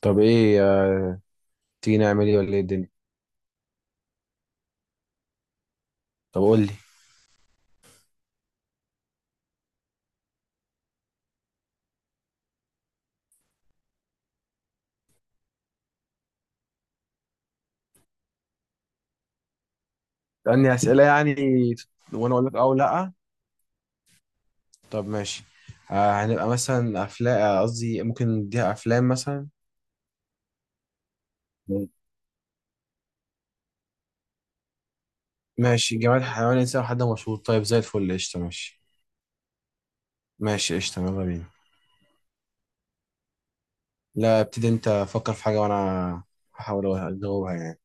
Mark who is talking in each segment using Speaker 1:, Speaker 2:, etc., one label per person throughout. Speaker 1: طب ايه تيجي نعمل ايه ولا ايه الدنيا؟ طب قول لي. اسالني اسئله يعني، وانا اقول لك اه ولا لا. طب ماشي. آه هنبقى مثلا افلام، قصدي ممكن نديها افلام مثلا. مم. ماشي، جماد حيوان انسان حد مشهور، طيب زي الفل قشطه ماشي. ماشي قشطه يلا بينا. لا ابتدي انت، فكر في حاجه وانا هحاول اجاوبها يعني.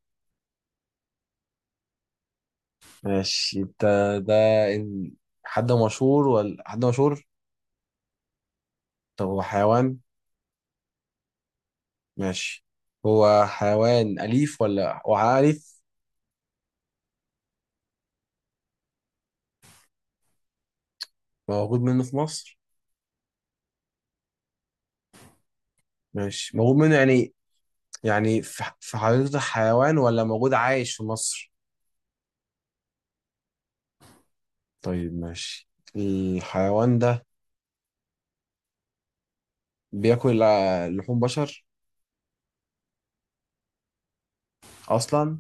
Speaker 1: ماشي. انت ده إن- حد مشهور ولا حد مشهور؟ طب هو حيوان؟ ماشي، هو حيوان أليف ولا هو أليف؟ موجود منه في مصر؟ ماشي موجود منه يعني. يعني في حديقة الحيوان ولا موجود عايش في مصر؟ طيب ماشي. الحيوان ده بياكل لحوم بشر أصلا؟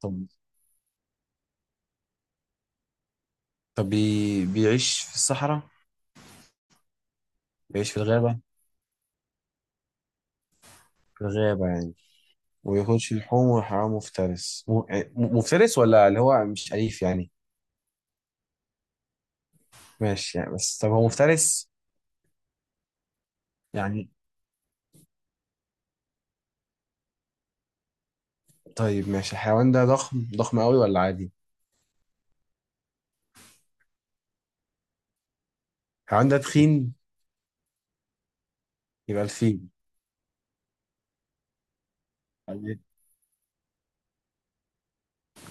Speaker 1: طب طب بيعيش في الصحراء؟ بيعيش في الغابة؟ في الغابة يعني. وياكلش لحوم، وحيوان مفترس يعني مفترس ولا اللي هو مش أليف يعني؟ ماشي يعني، بس طب هو مفترس؟ يعني طيب ماشي، الحيوان ده ضخم ضخم قوي ولا عادي؟ الحيوان ده تخين؟ يبقى الفيل.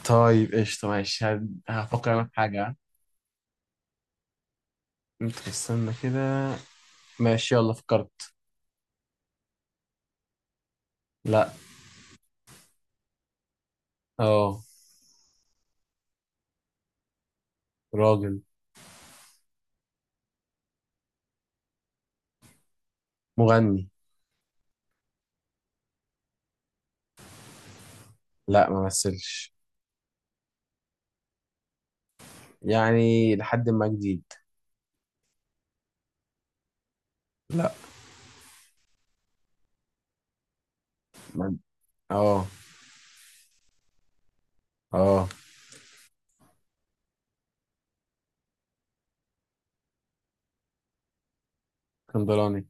Speaker 1: طيب قشطة ماشي، هفكر أول حاجة، ها؟ انت استنى كده. ماشي يلا فكرت. لا. اه. راجل. مغني. لا ما مثلش. يعني لحد ما جديد. ما- اه. اه. اسكندراني.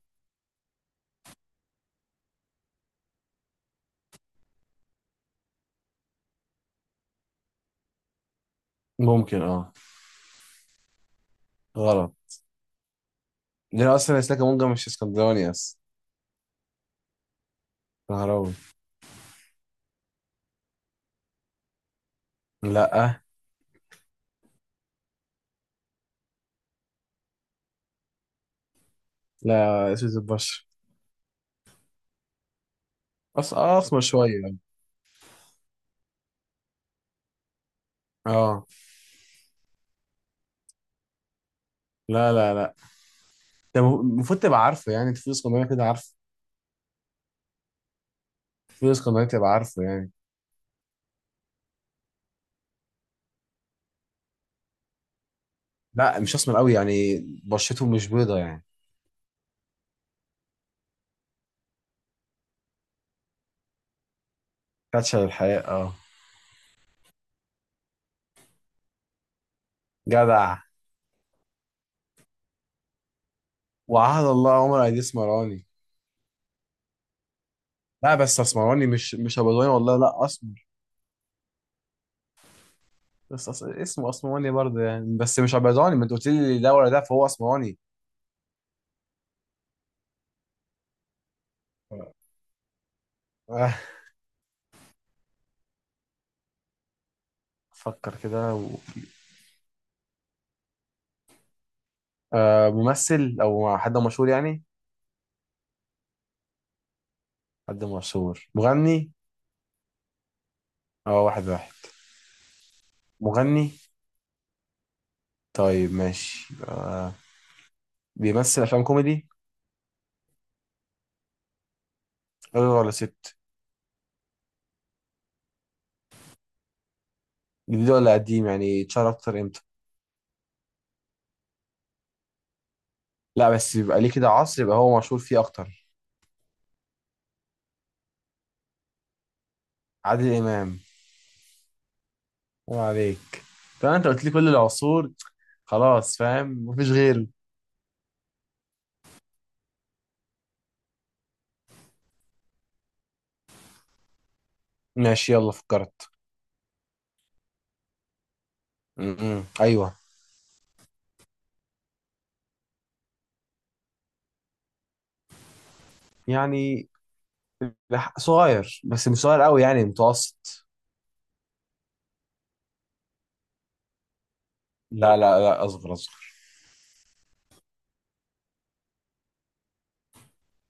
Speaker 1: ممكن اه. غلط. ليه اصلا اسلاك مونجا مش اسكندراني اصلا؟ نهراوي. لا. لا اسود البشر. أص... آه، اسمر شوية يعني. اه. لا لا لا. ده المفروض تبقى عارفه يعني، انت في اسكندراني كده عارفه. في اسكندراني تبقى عارفه يعني. لا مش اسمر قوي يعني، بشرته مش بيضة يعني. فاتشة للحياة اه. جدع. وعهد الله عمر أيدي اسمراني. لا بس اسمراني مش ابيضاني والله، لا اسمر. بس اسمه اسمراني برضه يعني، بس مش ابيضاني، ما انت قلت لي ده ولا ده، فهو اسمراني. آه، آه. فكر كده آه، ممثل او حد مشهور يعني. حد مشهور مغني. اه واحد واحد. مغني. طيب ماشي. بيمثل افلام كوميدي؟ راجل ولا ست؟ جديد ولا قديم، يعني اتشهر اكتر امتى؟ لا بس يبقى ليه كده عصر يبقى هو مشهور فيه اكتر. عادل امام. الله عليك. طبعا انت قلت لي كل العصور، خلاص فاهم مفيش غيره. ماشي يلا فكرت. م-م. ايوه. يعني صغير بس مش صغير قوي يعني، متوسط. لا لا لا، اصغر اصغر.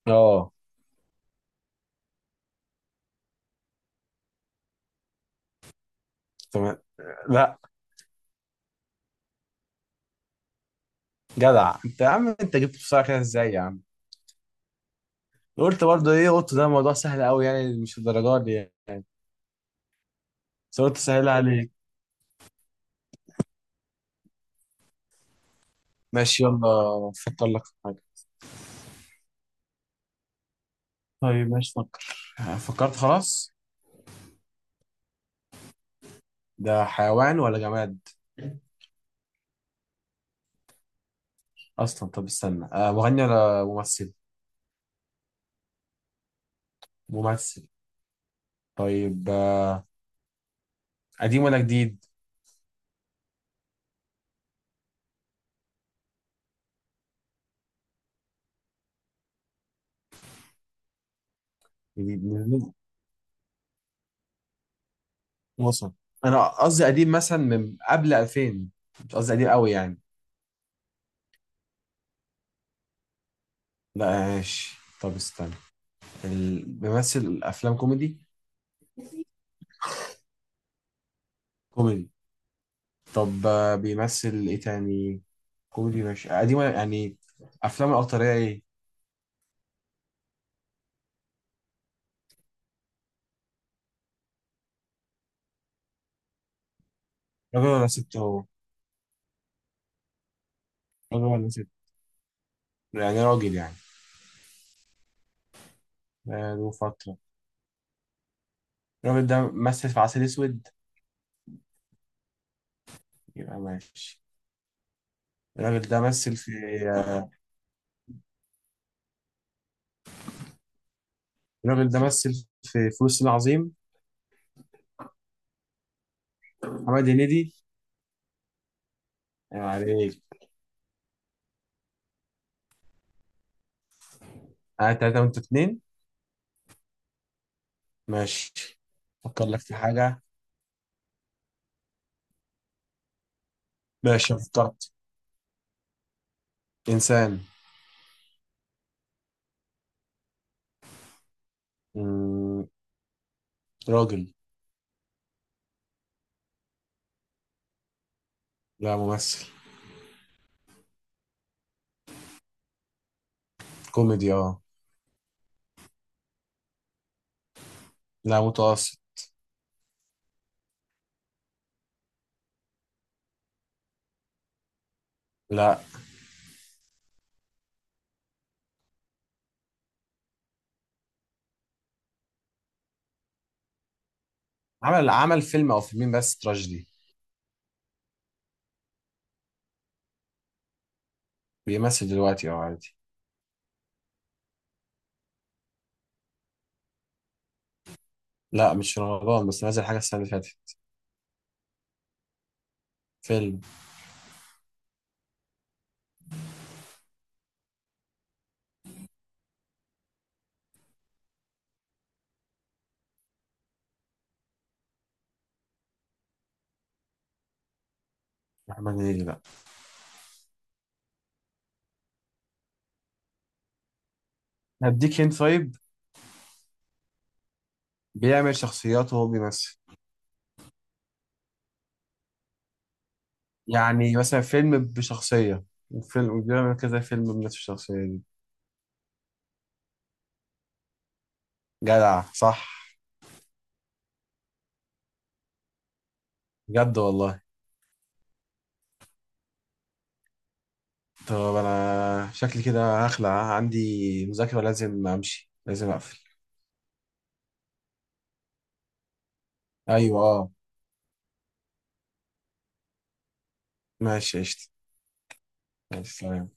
Speaker 1: اه. تمام. لا. جدع انت يا عم، انت جبت بسرعه كده ازاي يا عم؟ قلت برضه ايه، قلت ده موضوع سهل قوي يعني، مش الدرجات دي يعني. بس قلت سهل عليك. ماشي يلا فكر لك في حاجه. طيب ماشي فكر. فكرت خلاص. ده حيوان ولا جماد اصلا؟ طب استنى، آه مغني ولا ممثل؟ ممثل. طيب آه، قديم ولا جديد؟ جديد من- وصل. انا قصدي قديم مثلا من قبل 2000، مش قصدي قديم قوي يعني. لا ماشي طب استنى. بيمثل افلام كوميدي؟ كوميدي. طب آه بيمثل ايه تاني؟ كوميدي ماشي، قديم ولا يعني افلامه الاكتريه ايه؟ راجل ولا ست هو؟ راجل ولا ست؟ يعني راجل يعني. بقاله فترة. الراجل ده مثل في عسل اسود؟ يبقى ماشي. الراجل ده مثل في، الراجل ده مثل في فلوس العظيم. محمد هنيدي. ايوه عليك. انا تلاته وانت اتنين. ماشي. افكر لك في حاجه. ماشي أنا فكرت. انسان. مم. راجل. لا ممثل. كوميدي اه. لا متوسط. لا. عمل فيلم او فيلمين بس تراجيدي. بيمثل دلوقتي اه عادي. لا مش في رمضان، بس نازل حاجه السنه اللي فاتت. فيلم. محمد هنيدي، لا. هديك هنت طيب. بيعمل شخصيات وهو بيمثل. يعني مثلا فيلم بشخصية، وفيلم بيعمل كذا فيلم بنفس الشخصية دي. جدع صح. بجد والله. طب أنا شكلي كده هخلع، عندي مذاكرة، لازم أمشي، لازم أقفل. أيوة أه. ماشي قشطة. ماشي سلام.